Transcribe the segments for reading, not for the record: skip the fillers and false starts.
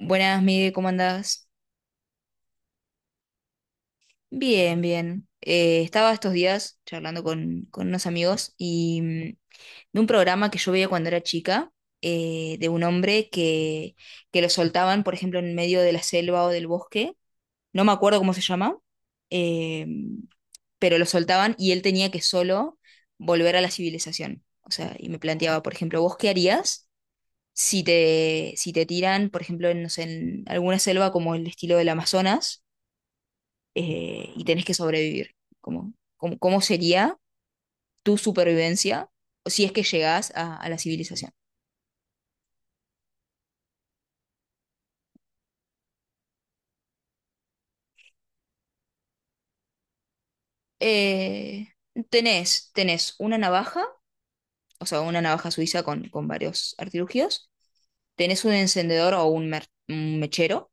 Buenas, Miguel, ¿cómo andás? Bien, bien. Estaba estos días charlando con unos amigos y de un programa que yo veía cuando era chica, de un hombre que lo soltaban, por ejemplo, en medio de la selva o del bosque, no me acuerdo cómo se llama, eh, pero lo soltaban y él tenía que solo volver a la civilización. O sea, y me planteaba, por ejemplo, ¿vos qué harías si te tiran, por ejemplo, en, no sé, en alguna selva como el estilo del Amazonas? Y tenés que sobrevivir. ¿Cómo sería tu supervivencia si es que llegás a la civilización? Eh, tenés una navaja, o sea, una navaja suiza con varios artilugios, tenés un encendedor o un mechero,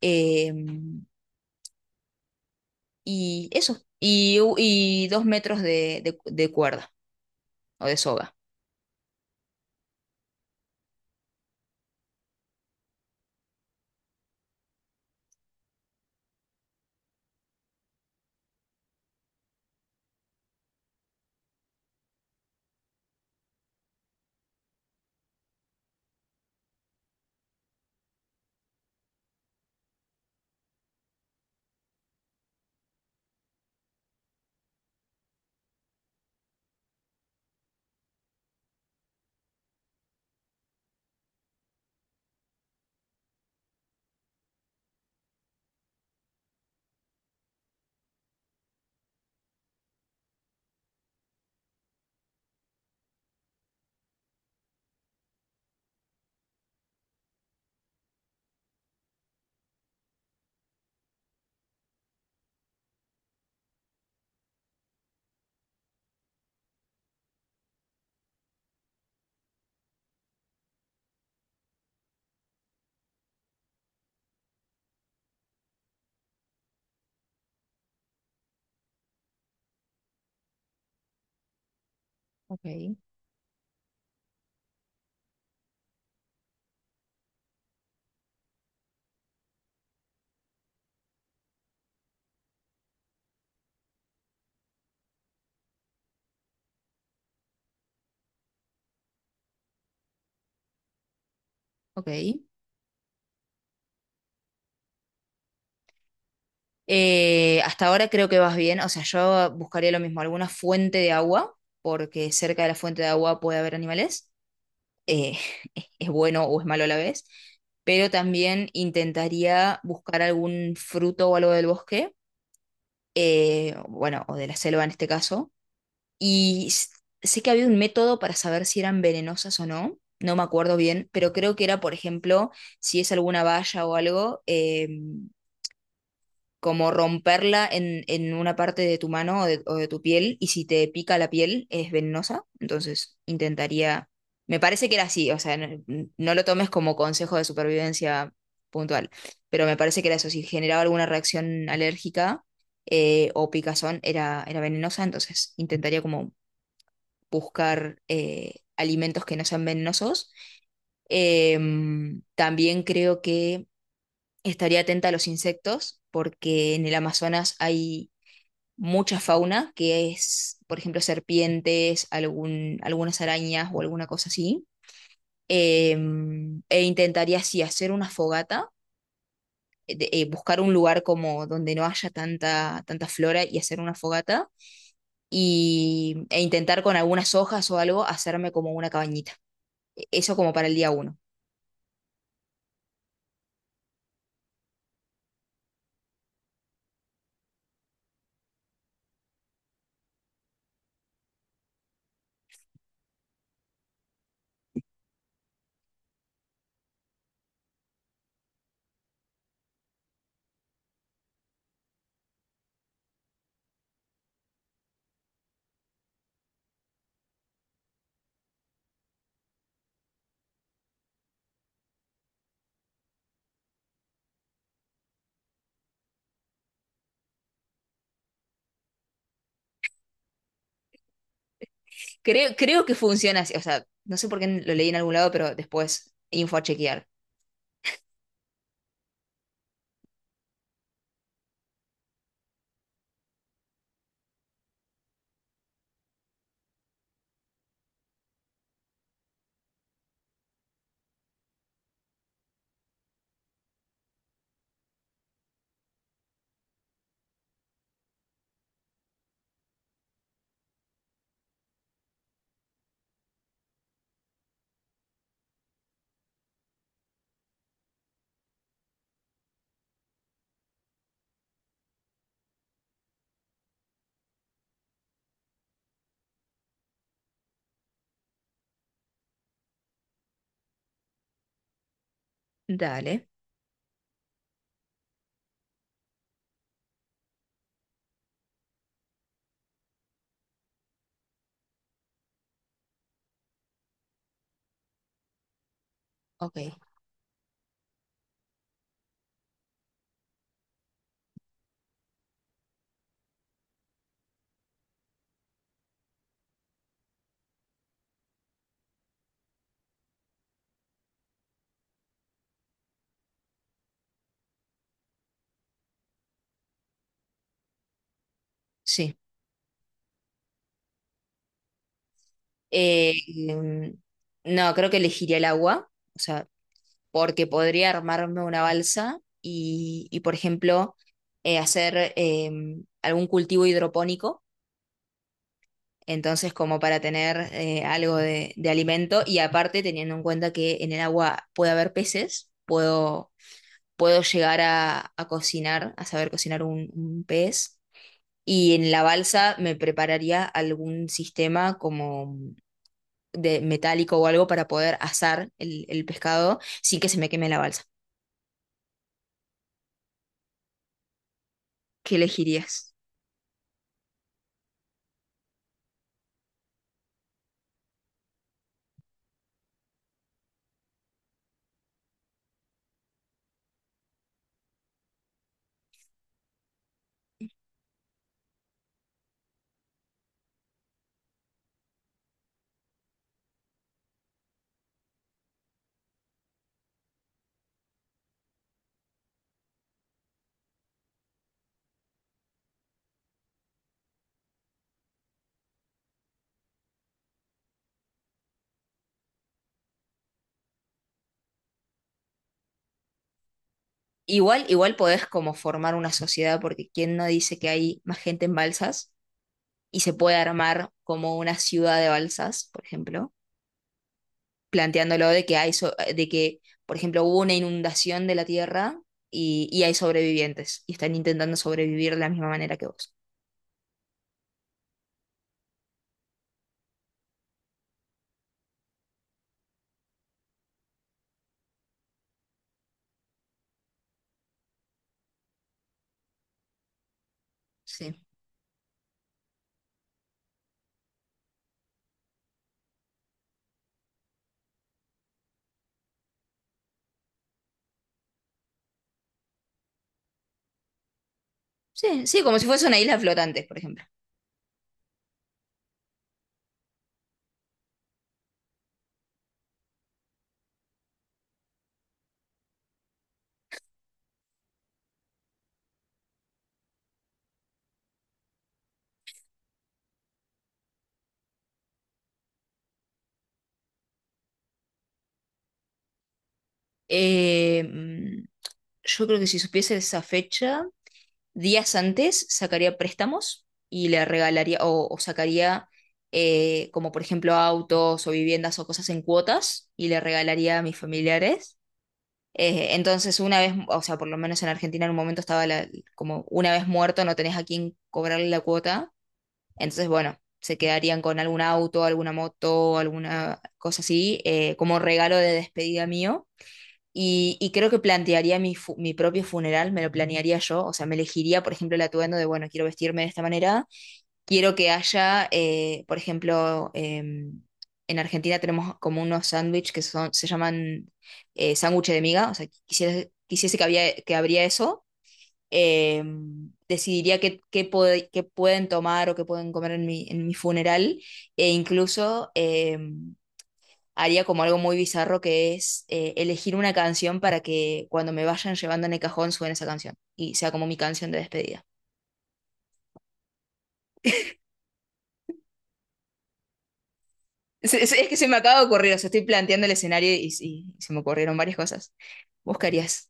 eh, y eso, y dos metros de cuerda o de soga. Ok, ok. Hasta ahora creo que vas bien, o sea, yo buscaría lo mismo, alguna fuente de agua, porque cerca de la fuente de agua puede haber animales, eh, es bueno o es malo a la vez, pero también intentaría buscar algún fruto o algo del bosque, bueno, o de la selva en este caso, y s- sé que había un método para saber si eran venenosas o no, no me acuerdo bien, pero creo que era, por ejemplo, si es alguna valla o algo. Como romperla en una parte de tu mano o de tu piel, y si te pica la piel es venenosa, entonces intentaría, me parece que era así, o sea, no, no lo tomes como consejo de supervivencia puntual, pero me parece que era eso, si generaba alguna reacción alérgica o picazón era venenosa, entonces intentaría como buscar alimentos que no sean venenosos. También creo que estaría atenta a los insectos porque en el Amazonas hay mucha fauna que es, por ejemplo, serpientes, algunas arañas o alguna cosa así. Eh, E intentaría así hacer una fogata, buscar un lugar como donde no haya tanta flora y hacer una fogata y, e intentar con algunas hojas o algo hacerme como una cabañita. Eso como para el día uno. Creo que funciona así, o sea, no sé por qué lo leí en algún lado, pero después info a chequear. Dale. Ok, sí. Eh, em, no, creo que elegiría el agua, o sea, porque podría armarme una balsa y, por ejemplo, hacer algún cultivo hidropónico, entonces como para tener algo de alimento y aparte teniendo en cuenta que en el agua puede haber peces, puedo, puedo llegar a cocinar, a saber cocinar un pez. Y en la balsa me prepararía algún sistema como de metálico o algo para poder asar el pescado sin que se me queme la balsa. ¿Qué elegirías? Igual, igual podés como formar una sociedad, porque quién no dice que hay más gente en balsas y se puede armar como una ciudad de balsas, por ejemplo, planteándolo de que por ejemplo, hubo una inundación de la tierra y hay sobrevivientes y están intentando sobrevivir de la misma manera que vos. Sí. Sí, sí, como si fuese una isla flotante, por ejemplo. Eh, mm, yo creo que si supiese esa fecha, días antes sacaría préstamos y le regalaría o sacaría como por ejemplo autos o viviendas o cosas en cuotas y le regalaría a mis familiares. Entonces una vez, o sea, por lo menos en Argentina en un momento como una vez muerto no tenés a quién cobrarle la cuota. Entonces, bueno, se quedarían con algún auto, alguna moto, alguna cosa así, como regalo de despedida mío. Y creo que plantearía mi propio funeral, me lo planearía yo, o sea, me elegiría, por ejemplo, el atuendo de, bueno, quiero vestirme de esta manera, quiero que haya, por ejemplo, en Argentina tenemos como unos sándwiches se llaman sándwiches de miga, o sea, quisiese que habría eso, decidiría qué pueden tomar o qué pueden comer en mi funeral, e incluso... haría como algo muy bizarro que es elegir una canción para que cuando me vayan llevando en el cajón suene esa canción y sea como mi canción de despedida. Que se me acaba de ocurrir, o sea, estoy planteando el escenario y se me ocurrieron varias cosas. ¿Vos qué harías?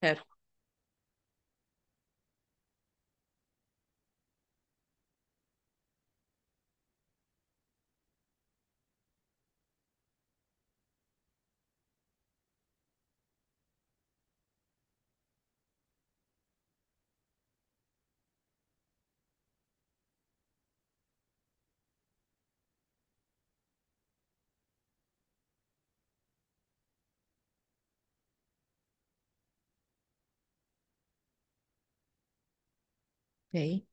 Claro. Ok,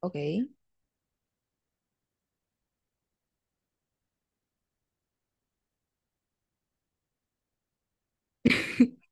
ok,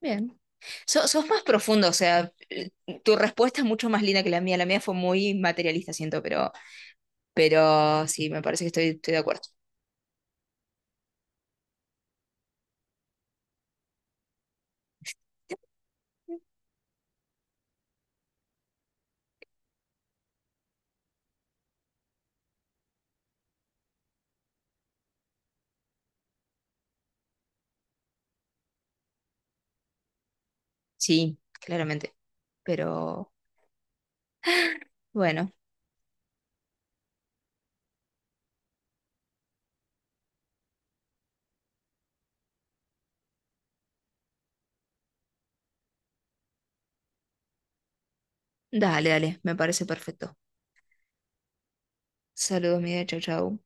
bien. Sos más profundo, o sea, tu respuesta es mucho más linda que la mía. La mía fue muy materialista, siento, pero sí, me parece que estoy, estoy de acuerdo. Sí, claramente. Pero bueno, dale, dale, me parece perfecto. Saludos, Miguel. Chau, chau.